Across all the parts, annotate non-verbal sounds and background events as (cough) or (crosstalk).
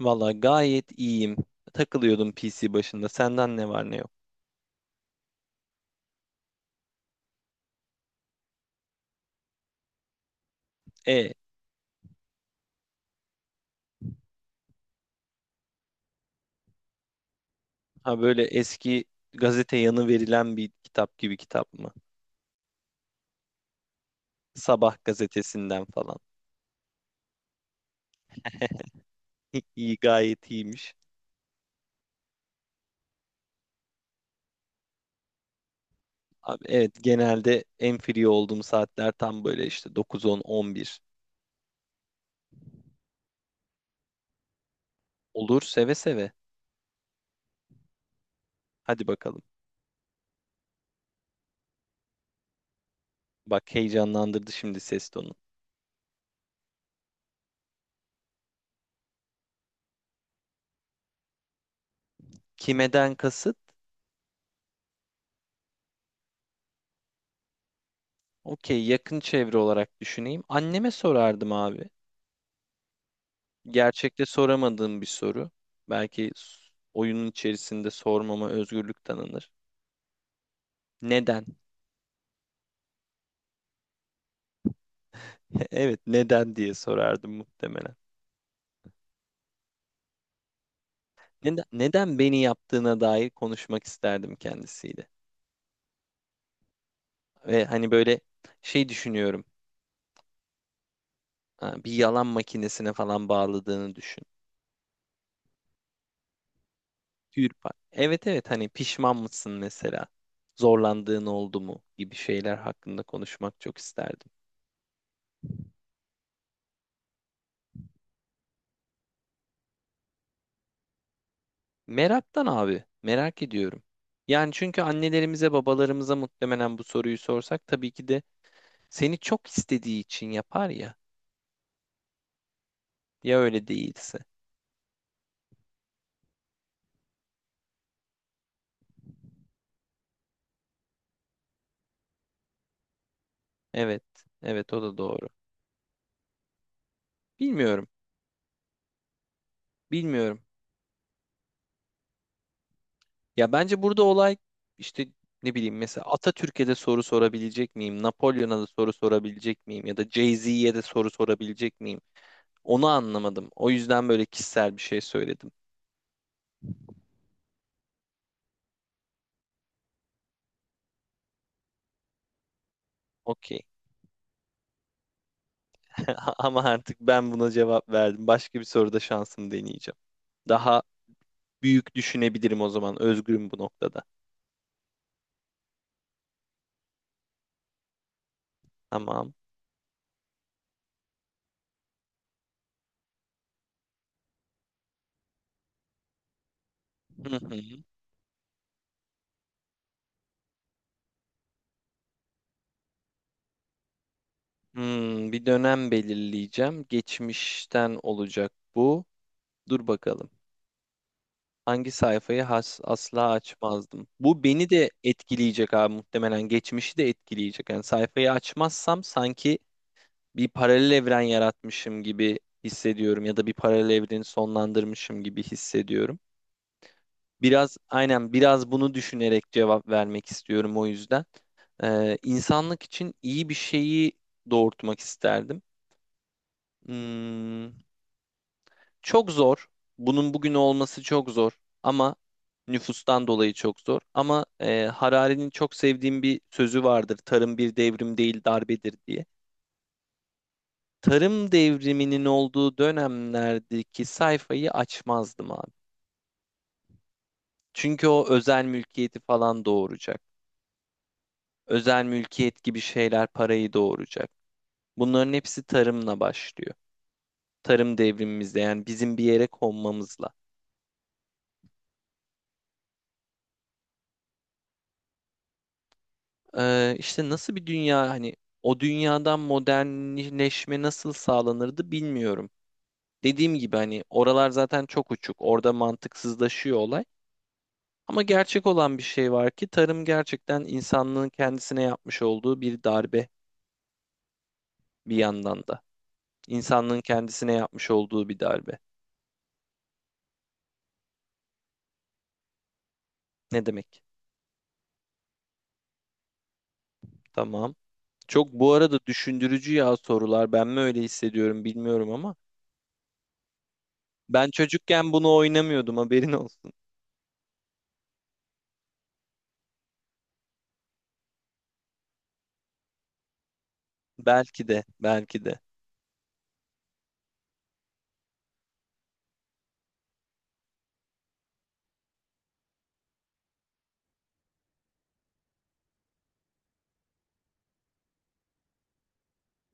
Valla gayet iyiyim. Takılıyordum PC başında. Senden ne var ne yok. E, ha böyle eski gazete yanı verilen bir kitap gibi kitap mı? Sabah gazetesinden falan. İyi gayet iyiymiş. Abi, evet, genelde en free olduğum saatler tam böyle işte 9-10, 11. Olur, seve seve. Hadi bakalım. Bak, heyecanlandırdı şimdi ses tonu. Kimeden kasıt? Okey, yakın çevre olarak düşüneyim. Anneme sorardım abi. Gerçekte soramadığım bir soru. Belki oyunun içerisinde sormama özgürlük tanınır. Neden? (laughs) Evet, neden diye sorardım muhtemelen. Neden, neden beni yaptığına dair konuşmak isterdim kendisiyle. Ve hani böyle şey düşünüyorum. Ha, bir yalan makinesine falan bağladığını düşün. Tüyür Evet, evet, hani pişman mısın mesela? Zorlandığın oldu mu, gibi şeyler hakkında konuşmak çok isterdim. Meraktan abi, merak ediyorum. Yani çünkü annelerimize, babalarımıza muhtemelen bu soruyu sorsak tabii ki de seni çok istediği için yapar ya. Ya öyle değilse. Evet, evet, o da doğru. Bilmiyorum, bilmiyorum. Ya bence burada olay işte ne bileyim mesela Atatürk'e de soru sorabilecek miyim? Napolyon'a da soru sorabilecek miyim? Ya da Jay-Z'ye de soru sorabilecek miyim? Onu anlamadım. O yüzden böyle kişisel bir şey söyledim. Okey. (laughs) Ama artık ben buna cevap verdim. Başka bir soruda şansımı deneyeceğim. Daha büyük düşünebilirim o zaman. Özgürüm bu noktada. Tamam. Hı hı. Hmm, bir dönem belirleyeceğim. Geçmişten olacak bu. Dur bakalım. Hangi sayfayı asla açmazdım? Bu beni de etkileyecek abi muhtemelen. Geçmişi de etkileyecek. Yani sayfayı açmazsam sanki bir paralel evren yaratmışım gibi hissediyorum ya da bir paralel evreni sonlandırmışım gibi hissediyorum. Biraz aynen, biraz bunu düşünerek cevap vermek istiyorum o yüzden. İnsanlık için iyi bir şeyi doğurtmak isterdim. Hmm, çok zor. Bunun bugün olması çok zor ama nüfustan dolayı çok zor. Ama Harari'nin çok sevdiğim bir sözü vardır. Tarım bir devrim değil darbedir diye. Tarım devriminin olduğu dönemlerdeki sayfayı açmazdım abi. Çünkü o özel mülkiyeti falan doğuracak. Özel mülkiyet gibi şeyler parayı doğuracak. Bunların hepsi tarımla başlıyor. Tarım devrimimizde, yani bizim bir yere konmamızla. İşte nasıl bir dünya hani o dünyadan modernleşme nasıl sağlanırdı bilmiyorum. Dediğim gibi hani oralar zaten çok uçuk. Orada mantıksızlaşıyor olay. Ama gerçek olan bir şey var ki tarım gerçekten insanlığın kendisine yapmış olduğu bir darbe bir yandan da. İnsanlığın kendisine yapmış olduğu bir darbe. Ne demek? Tamam. Çok bu arada düşündürücü ya sorular. Ben mi öyle hissediyorum bilmiyorum ama ben çocukken bunu oynamıyordum, haberin olsun. Belki de, belki de.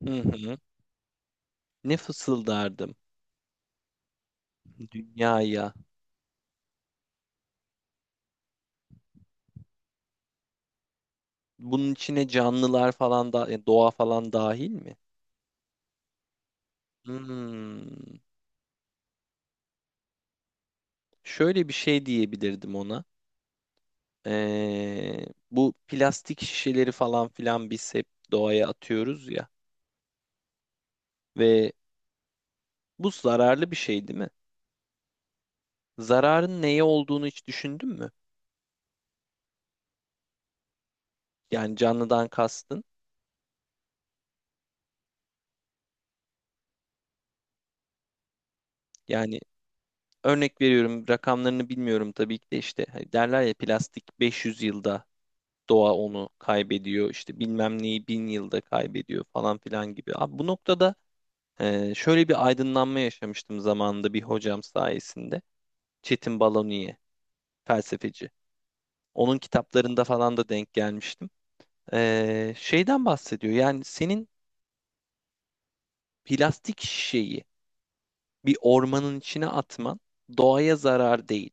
Hı hı. Ne fısıldardım dünyaya. Bunun içine canlılar falan da doğa falan dahil mi? Hmm. Şöyle bir şey diyebilirdim ona. Bu plastik şişeleri falan filan biz hep doğaya atıyoruz ya ve bu zararlı bir şey değil mi? Zararın neye olduğunu hiç düşündün mü? Yani canlıdan kastın. Yani örnek veriyorum, rakamlarını bilmiyorum tabii ki de, işte hani derler ya plastik 500 yılda doğa onu kaybediyor, işte bilmem neyi 1000 yılda kaybediyor falan filan gibi. Abi bu noktada şöyle bir aydınlanma yaşamıştım zamanında bir hocam sayesinde. Çetin Baloniye felsefeci. Onun kitaplarında falan da denk gelmiştim. Şeyden bahsediyor, yani senin plastik şişeyi bir ormanın içine atman doğaya zarar değil,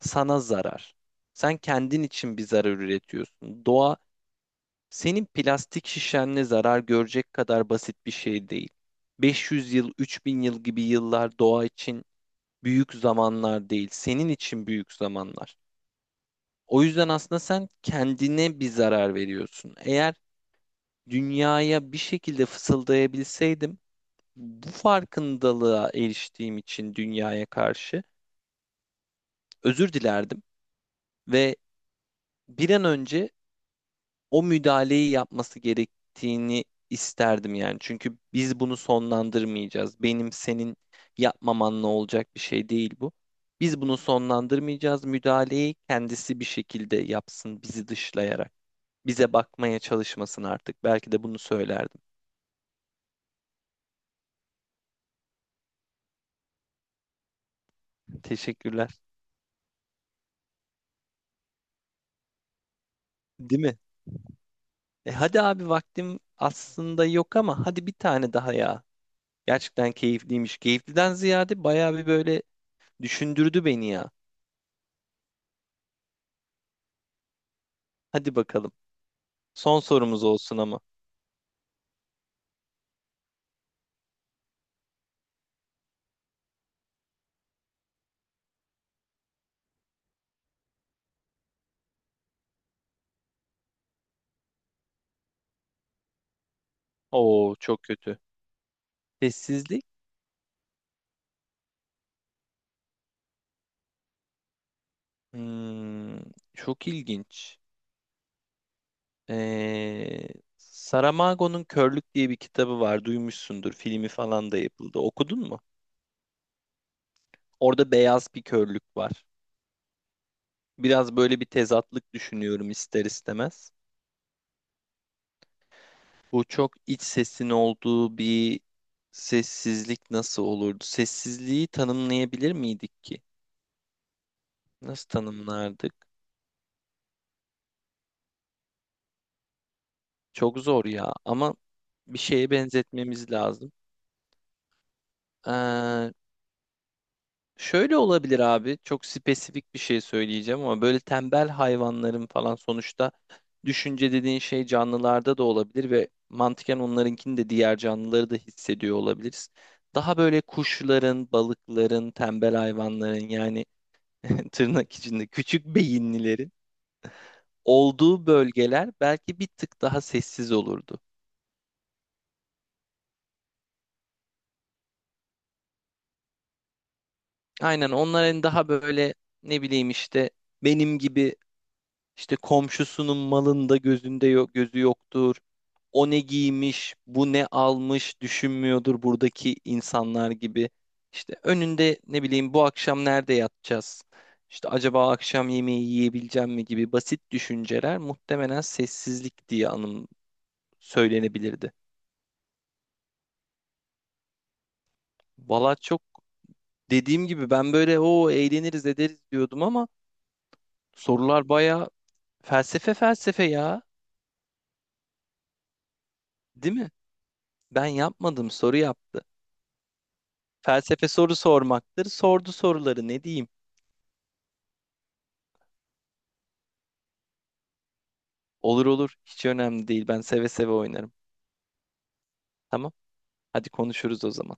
sana zarar. Sen kendin için bir zarar üretiyorsun. Doğa senin plastik şişenle zarar görecek kadar basit bir şey değil. 500 yıl, 3000 yıl gibi yıllar doğa için büyük zamanlar değil, senin için büyük zamanlar. O yüzden aslında sen kendine bir zarar veriyorsun. Eğer dünyaya bir şekilde fısıldayabilseydim, bu farkındalığa eriştiğim için dünyaya karşı özür dilerdim. Ve bir an önce o müdahaleyi yapması gerektiğini isterdim yani. Çünkü biz bunu sonlandırmayacağız. Benim senin yapmamanla olacak bir şey değil bu. Biz bunu sonlandırmayacağız. Müdahaleyi kendisi bir şekilde yapsın bizi dışlayarak. Bize bakmaya çalışmasın artık. Belki de bunu söylerdim. Teşekkürler. Değil mi? E hadi abi vaktim aslında yok ama hadi bir tane daha ya. Gerçekten keyifliymiş. Keyifliden ziyade bayağı bir böyle düşündürdü beni ya. Hadi bakalım. Son sorumuz olsun ama. Oo çok kötü. Sessizlik. Hmm, çok ilginç. Ee, Saramago'nun Körlük diye bir kitabı var. Duymuşsundur. Filmi falan da yapıldı. Okudun mu? Orada beyaz bir körlük var. Biraz böyle bir tezatlık düşünüyorum ister istemez. Bu çok iç sesin olduğu bir sessizlik nasıl olurdu? Sessizliği tanımlayabilir miydik ki? Nasıl tanımlardık? Çok zor ya, ama bir şeye benzetmemiz lazım. Ee, Şöyle olabilir abi. Çok spesifik bir şey söyleyeceğim ama böyle tembel hayvanların falan sonuçta düşünce dediğin şey canlılarda da olabilir ve mantıken onlarınkini de diğer canlıları da hissediyor olabiliriz. Daha böyle kuşların, balıkların, tembel hayvanların yani (laughs) tırnak içinde küçük beyinlilerin olduğu bölgeler belki bir tık daha sessiz olurdu. Aynen, onların daha böyle ne bileyim işte benim gibi işte komşusunun malında gözünde yok, gözü yoktur. O ne giymiş, bu ne almış düşünmüyordur buradaki insanlar gibi. İşte önünde ne bileyim bu akşam nerede yatacağız? İşte acaba akşam yemeği yiyebileceğim mi gibi basit düşünceler muhtemelen sessizlik diye anım söylenebilirdi. Valla çok dediğim gibi ben böyle o eğleniriz ederiz diyordum ama sorular bayağı felsefe felsefe ya, değil mi? Ben yapmadım, soru yaptı. Felsefe soru sormaktır. Sordu soruları, ne diyeyim? Olur olur, hiç önemli değil. Ben seve seve oynarım. Tamam, hadi konuşuruz o zaman.